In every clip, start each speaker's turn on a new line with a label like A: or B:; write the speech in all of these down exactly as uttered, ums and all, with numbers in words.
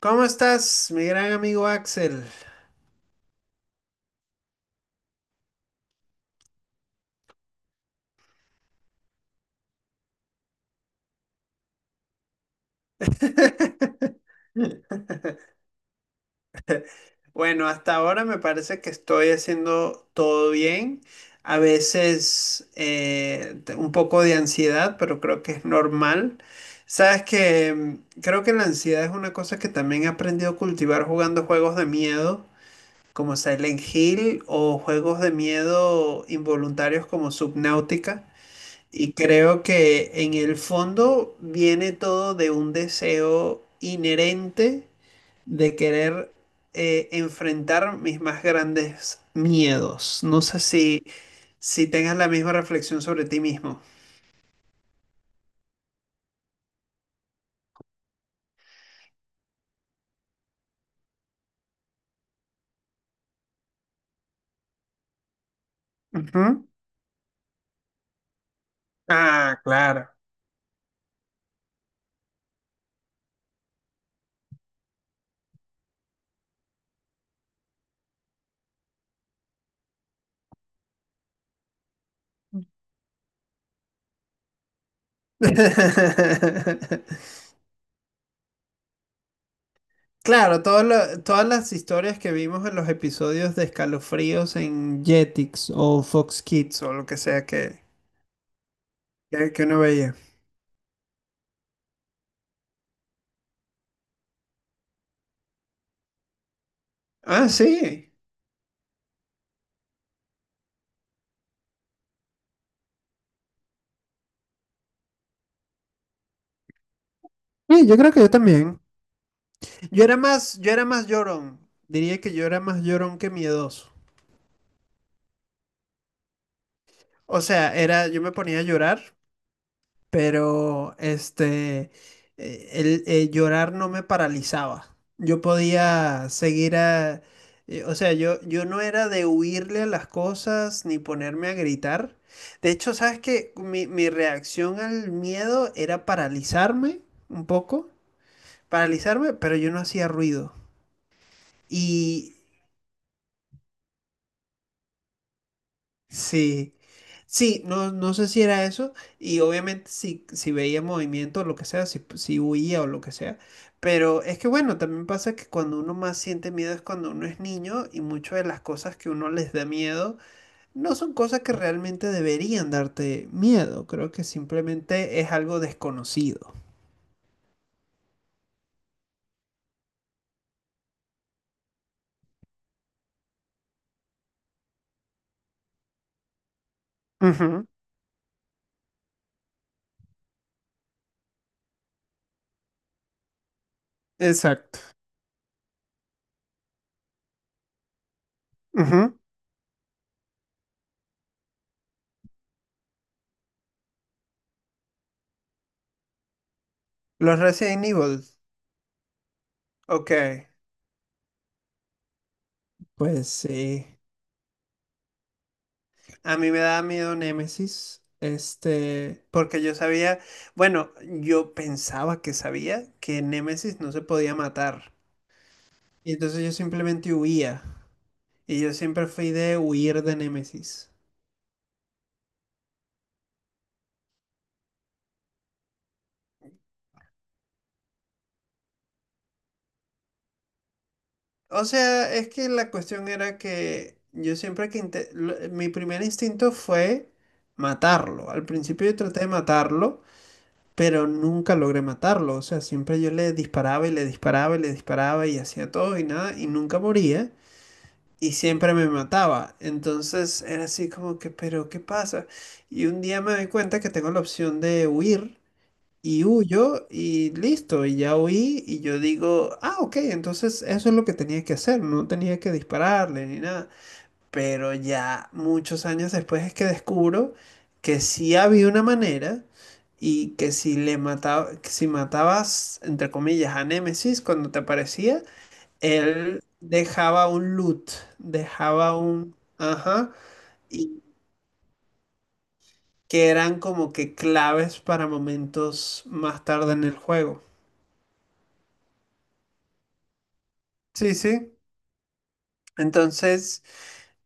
A: ¿Cómo estás, mi gran amigo Axel? Bueno, hasta ahora me parece que estoy haciendo todo bien. A veces eh, te- un poco de ansiedad, pero creo que es normal. Sabes que mm, creo que la ansiedad es una cosa que también he aprendido a cultivar jugando juegos de miedo, como Silent Hill o juegos de miedo involuntarios como Subnautica. Y creo que en el fondo viene todo de un deseo inherente de querer eh, enfrentar mis más grandes miedos. No sé si, si tengas la misma reflexión sobre ti mismo. Ujú. Ah, claro. Claro, todo lo- todas las historias que vimos en los episodios de Escalofríos en Jetix o Fox Kids o lo que sea que, que, que uno veía. Ah, sí. Sí, yo creo que yo también. Yo era más, yo era más llorón. Diría que yo era más llorón que miedoso. O sea, era, yo me ponía a llorar, pero este, eh, el eh, llorar no me paralizaba. Yo podía seguir a, eh, o sea, yo, yo no era de huirle a las cosas ni ponerme a gritar. De hecho, sabes que mi, mi reacción al miedo era paralizarme un poco, paralizarme, pero yo no hacía ruido. Y Sí, sí, no, no sé si era eso, y obviamente si, si veía movimiento o lo que sea, si, si huía o lo que sea, pero es que bueno, también pasa que cuando uno más siente miedo es cuando uno es niño y muchas de las cosas que uno les da miedo no son cosas que realmente deberían darte miedo, creo que simplemente es algo desconocido. Ujú, exacto. Ujú. Los Resident Evil, ok, pues sí. A mí me daba miedo Némesis, este, porque yo sabía, bueno, yo pensaba que sabía que Némesis no se podía matar. Y entonces yo simplemente huía. Y yo siempre fui de huir de Némesis. O sea, es que la cuestión era que yo siempre que... inte- lo- Mi primer instinto fue matarlo. Al principio yo traté de matarlo, pero nunca logré matarlo. O sea, siempre yo le disparaba y le disparaba y le disparaba y hacía todo y nada y nunca moría. Y siempre me mataba. Entonces era así como que, pero ¿qué pasa? Y un día me doy cuenta que tengo la opción de huir y huyo y listo, y ya huí y yo digo, ah, ok, entonces eso es lo que tenía que hacer, no tenía que dispararle ni nada. Pero ya muchos años después es que descubro que sí había una manera. Y que si le mataba, que si matabas, entre comillas, a Némesis cuando te aparecía, él dejaba un loot, dejaba un... Ajá. Y que eran como que claves para momentos más tarde en el juego. Sí, sí. Entonces,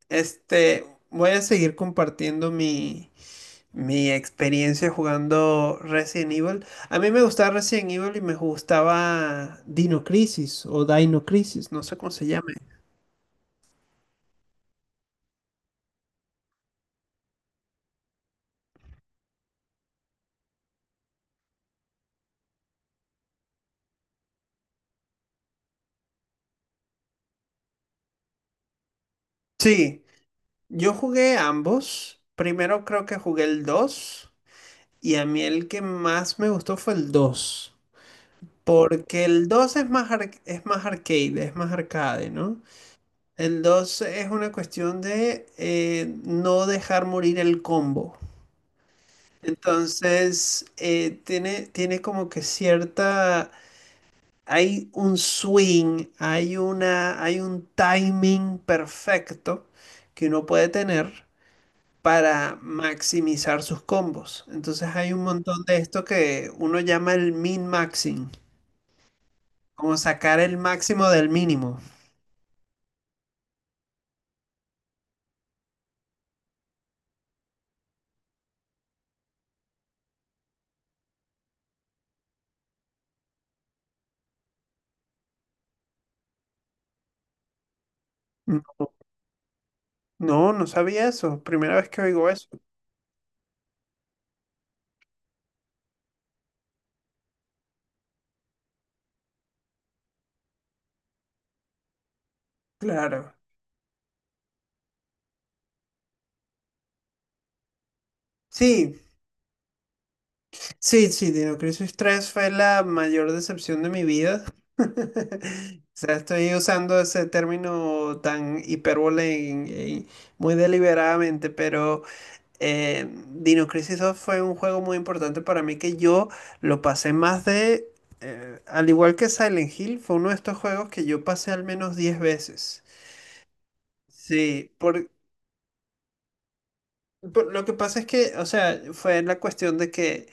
A: este, voy a seguir compartiendo mi, mi experiencia jugando Resident Evil. A mí me gustaba Resident Evil y me gustaba Dino Crisis o Dino Crisis, no sé cómo se llame. Sí, yo jugué ambos. Primero creo que jugué el dos. Y a mí el que más me gustó fue el dos. Porque el dos es más, ar- es más arcade, es más arcade, ¿no? El dos es una cuestión de eh, no dejar morir el combo. Entonces, eh, tiene, tiene como que cierta... Hay un swing, hay una, hay un timing perfecto que uno puede tener para maximizar sus combos. Entonces hay un montón de esto que uno llama el min-maxing, como sacar el máximo del mínimo. Mm, No, no sabía eso. Primera vez que oigo eso. Claro. Sí, sí, sí, Dino Crisis tres fue la mayor decepción de mi vida. O sea, estoy usando ese término tan hipérbole en- en- muy deliberadamente, pero Eh, Dino Crisis dos fue un juego muy importante para mí que yo lo pasé más de, eh, al igual que Silent Hill, fue uno de estos juegos que yo pasé al menos diez veces. Sí, por, por- lo que pasa es que, o sea, fue la cuestión de que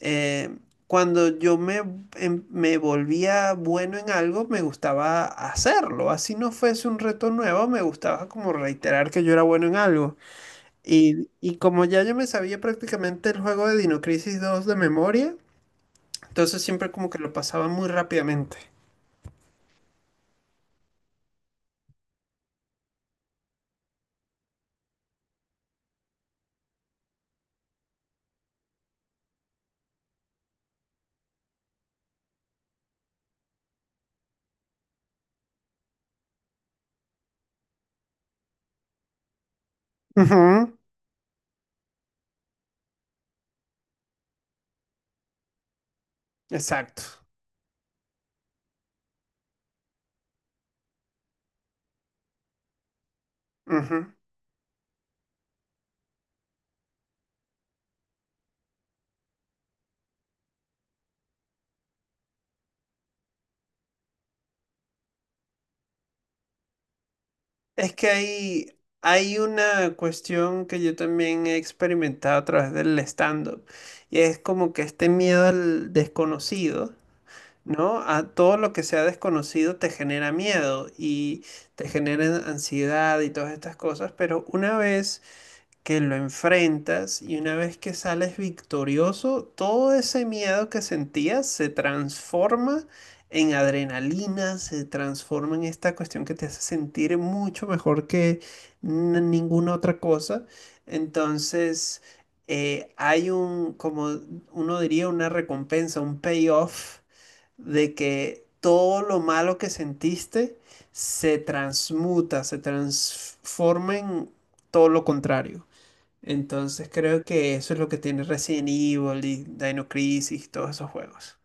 A: eh, cuando yo me, em- me volvía bueno en algo, me gustaba hacerlo. Así no fuese un reto nuevo, me gustaba como reiterar que yo era bueno en algo. Y, y como ya yo me sabía prácticamente el juego de Dino Crisis dos de memoria, entonces siempre como que lo pasaba muy rápidamente. Ujú, exacto. Ujú. Es que hay, hay una cuestión que yo también he experimentado a través del stand-up, y es como que este miedo al desconocido, ¿no? A todo lo que sea desconocido te genera miedo y te genera ansiedad y todas estas cosas, pero una vez que lo enfrentas y una vez que sales victorioso, todo ese miedo que sentías se transforma en adrenalina, se transforma en esta cuestión que te hace sentir mucho mejor que n- ninguna otra cosa. Entonces, eh, hay un, como uno diría, una recompensa, un payoff de que todo lo malo que sentiste se transmuta, se transforma en todo lo contrario. Entonces creo que eso es lo que tiene Resident Evil y Dino Crisis, todos esos juegos.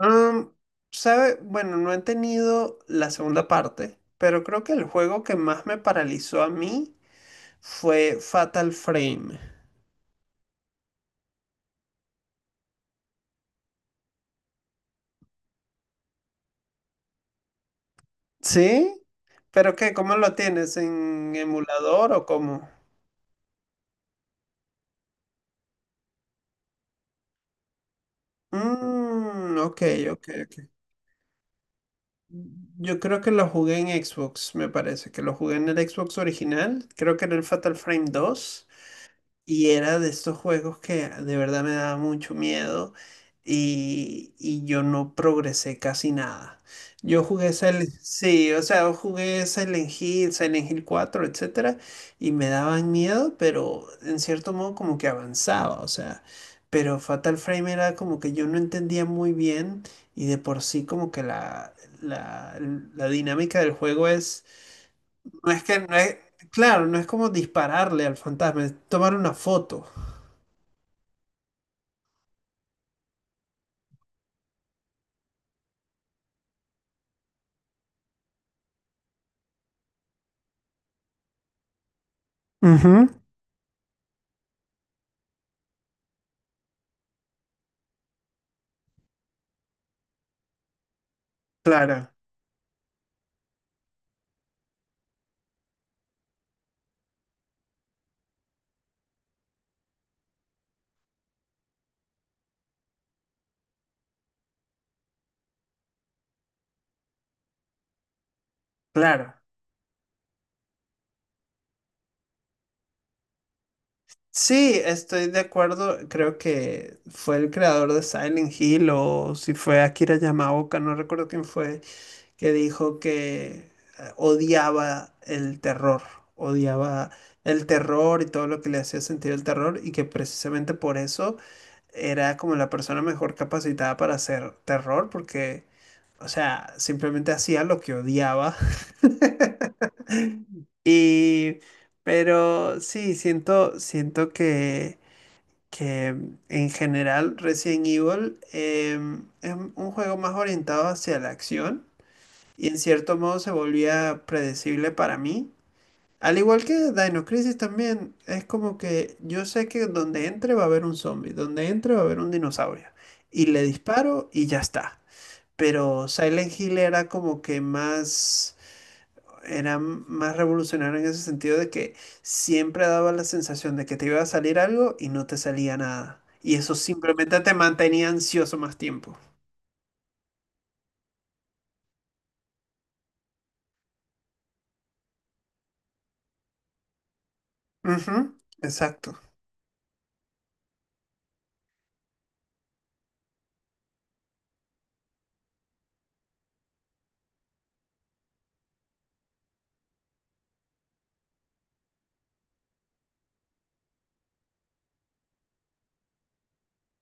A: Am, ¿sabe? Bueno, no he tenido la segunda parte, pero creo que el juego que más me paralizó a mí fue Fatal Frame. ¿Sí? ¿Pero qué? ¿Cómo lo tienes? ¿En emulador o cómo? Mm, ok, ok, ok. Yo creo que lo jugué en Xbox, me parece, que lo jugué en el Xbox original, creo que era el Fatal Frame dos. Y era de estos juegos que de verdad me daba mucho miedo y, y yo no progresé casi nada. Yo jugué Silent, sí, o sea, yo jugué Silent Hill, Silent Hill cuatro, etcétera, y me daban miedo, pero en cierto modo como que avanzaba, o sea, pero Fatal Frame era como que yo no entendía muy bien y de por sí como que la, la, la dinámica del juego es, no es que, no es, claro, no es como dispararle al fantasma, es tomar una foto. Ujú, claro, claro. Sí, estoy de acuerdo. Creo que fue el creador de Silent Hill o si fue Akira Yamaoka, no recuerdo quién fue. Que dijo que eh, odiaba el terror, odiaba el terror y todo lo que le hacía sentir el terror y que precisamente por eso era como la persona mejor capacitada para hacer terror porque, o sea, simplemente hacía lo que odiaba. Y, pero sí, siento, siento que, que en general Resident Evil em, es un juego más orientado hacia la acción y en cierto modo se volvía predecible para mí. Al igual que Dino Crisis también, es como que yo sé que donde entre va a haber un zombie, donde entre va a haber un dinosaurio. Y le disparo y ya está. Pero Silent Hill era como que más, era m- más revolucionario en ese sentido de que siempre daba la sensación de que te iba a salir algo y no te salía nada. Y eso simplemente te mantenía ansioso más tiempo. Ujú, exacto.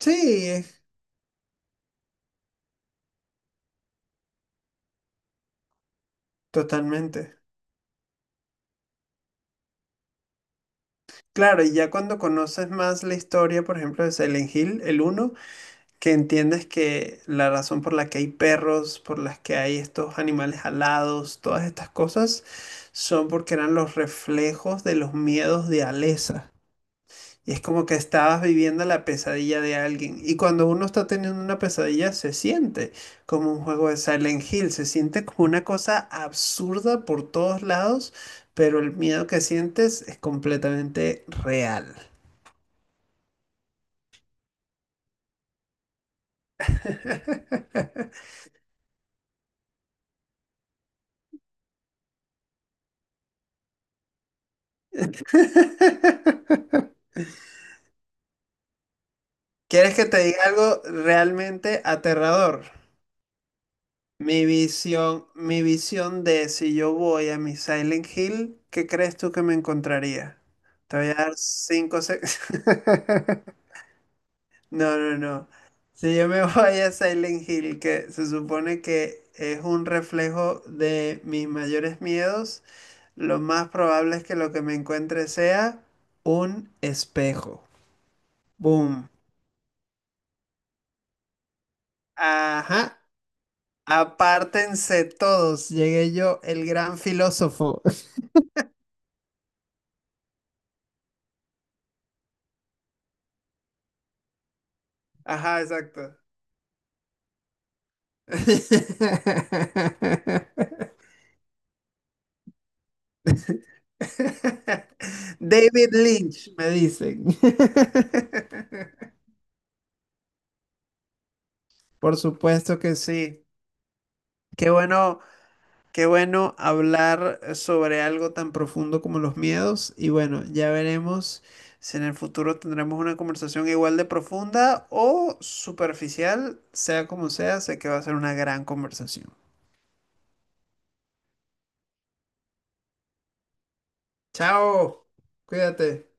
A: Sí, eh, totalmente. Claro, y ya cuando conoces más la historia, por ejemplo, de Silent Hill, el uno, que entiendes que la razón por la que hay perros, por las que hay estos animales alados, todas estas cosas, son porque eran los reflejos de los miedos de Alessa. Y es como que estabas viviendo la pesadilla de alguien. Y cuando uno está teniendo una pesadilla, se siente como un juego de Silent Hill, se siente como una cosa absurda por todos lados, pero el miedo que sientes es completamente real. ¿Quieres que te diga algo realmente aterrador? Mi visión, mi visión de si yo voy a mi Silent Hill, ¿qué crees tú que me encontraría? Te voy a dar cinco segundos. No, no, no. Si yo me voy a Silent Hill, que se supone que es un reflejo de mis mayores miedos, lo más probable es que lo que me encuentre sea un espejo. Boom. Ajá. Apártense todos, llegué yo, el gran filósofo. Ajá, exacto. David Lynch, me dicen. Por supuesto que sí. Qué bueno. Qué bueno hablar eh, sobre algo tan profundo como los miedos y bueno, ya veremos si en el futuro tendremos una conversación igual de profunda o superficial, sea como sea, sé que va a ser una gran conversación. Chao, cuídate.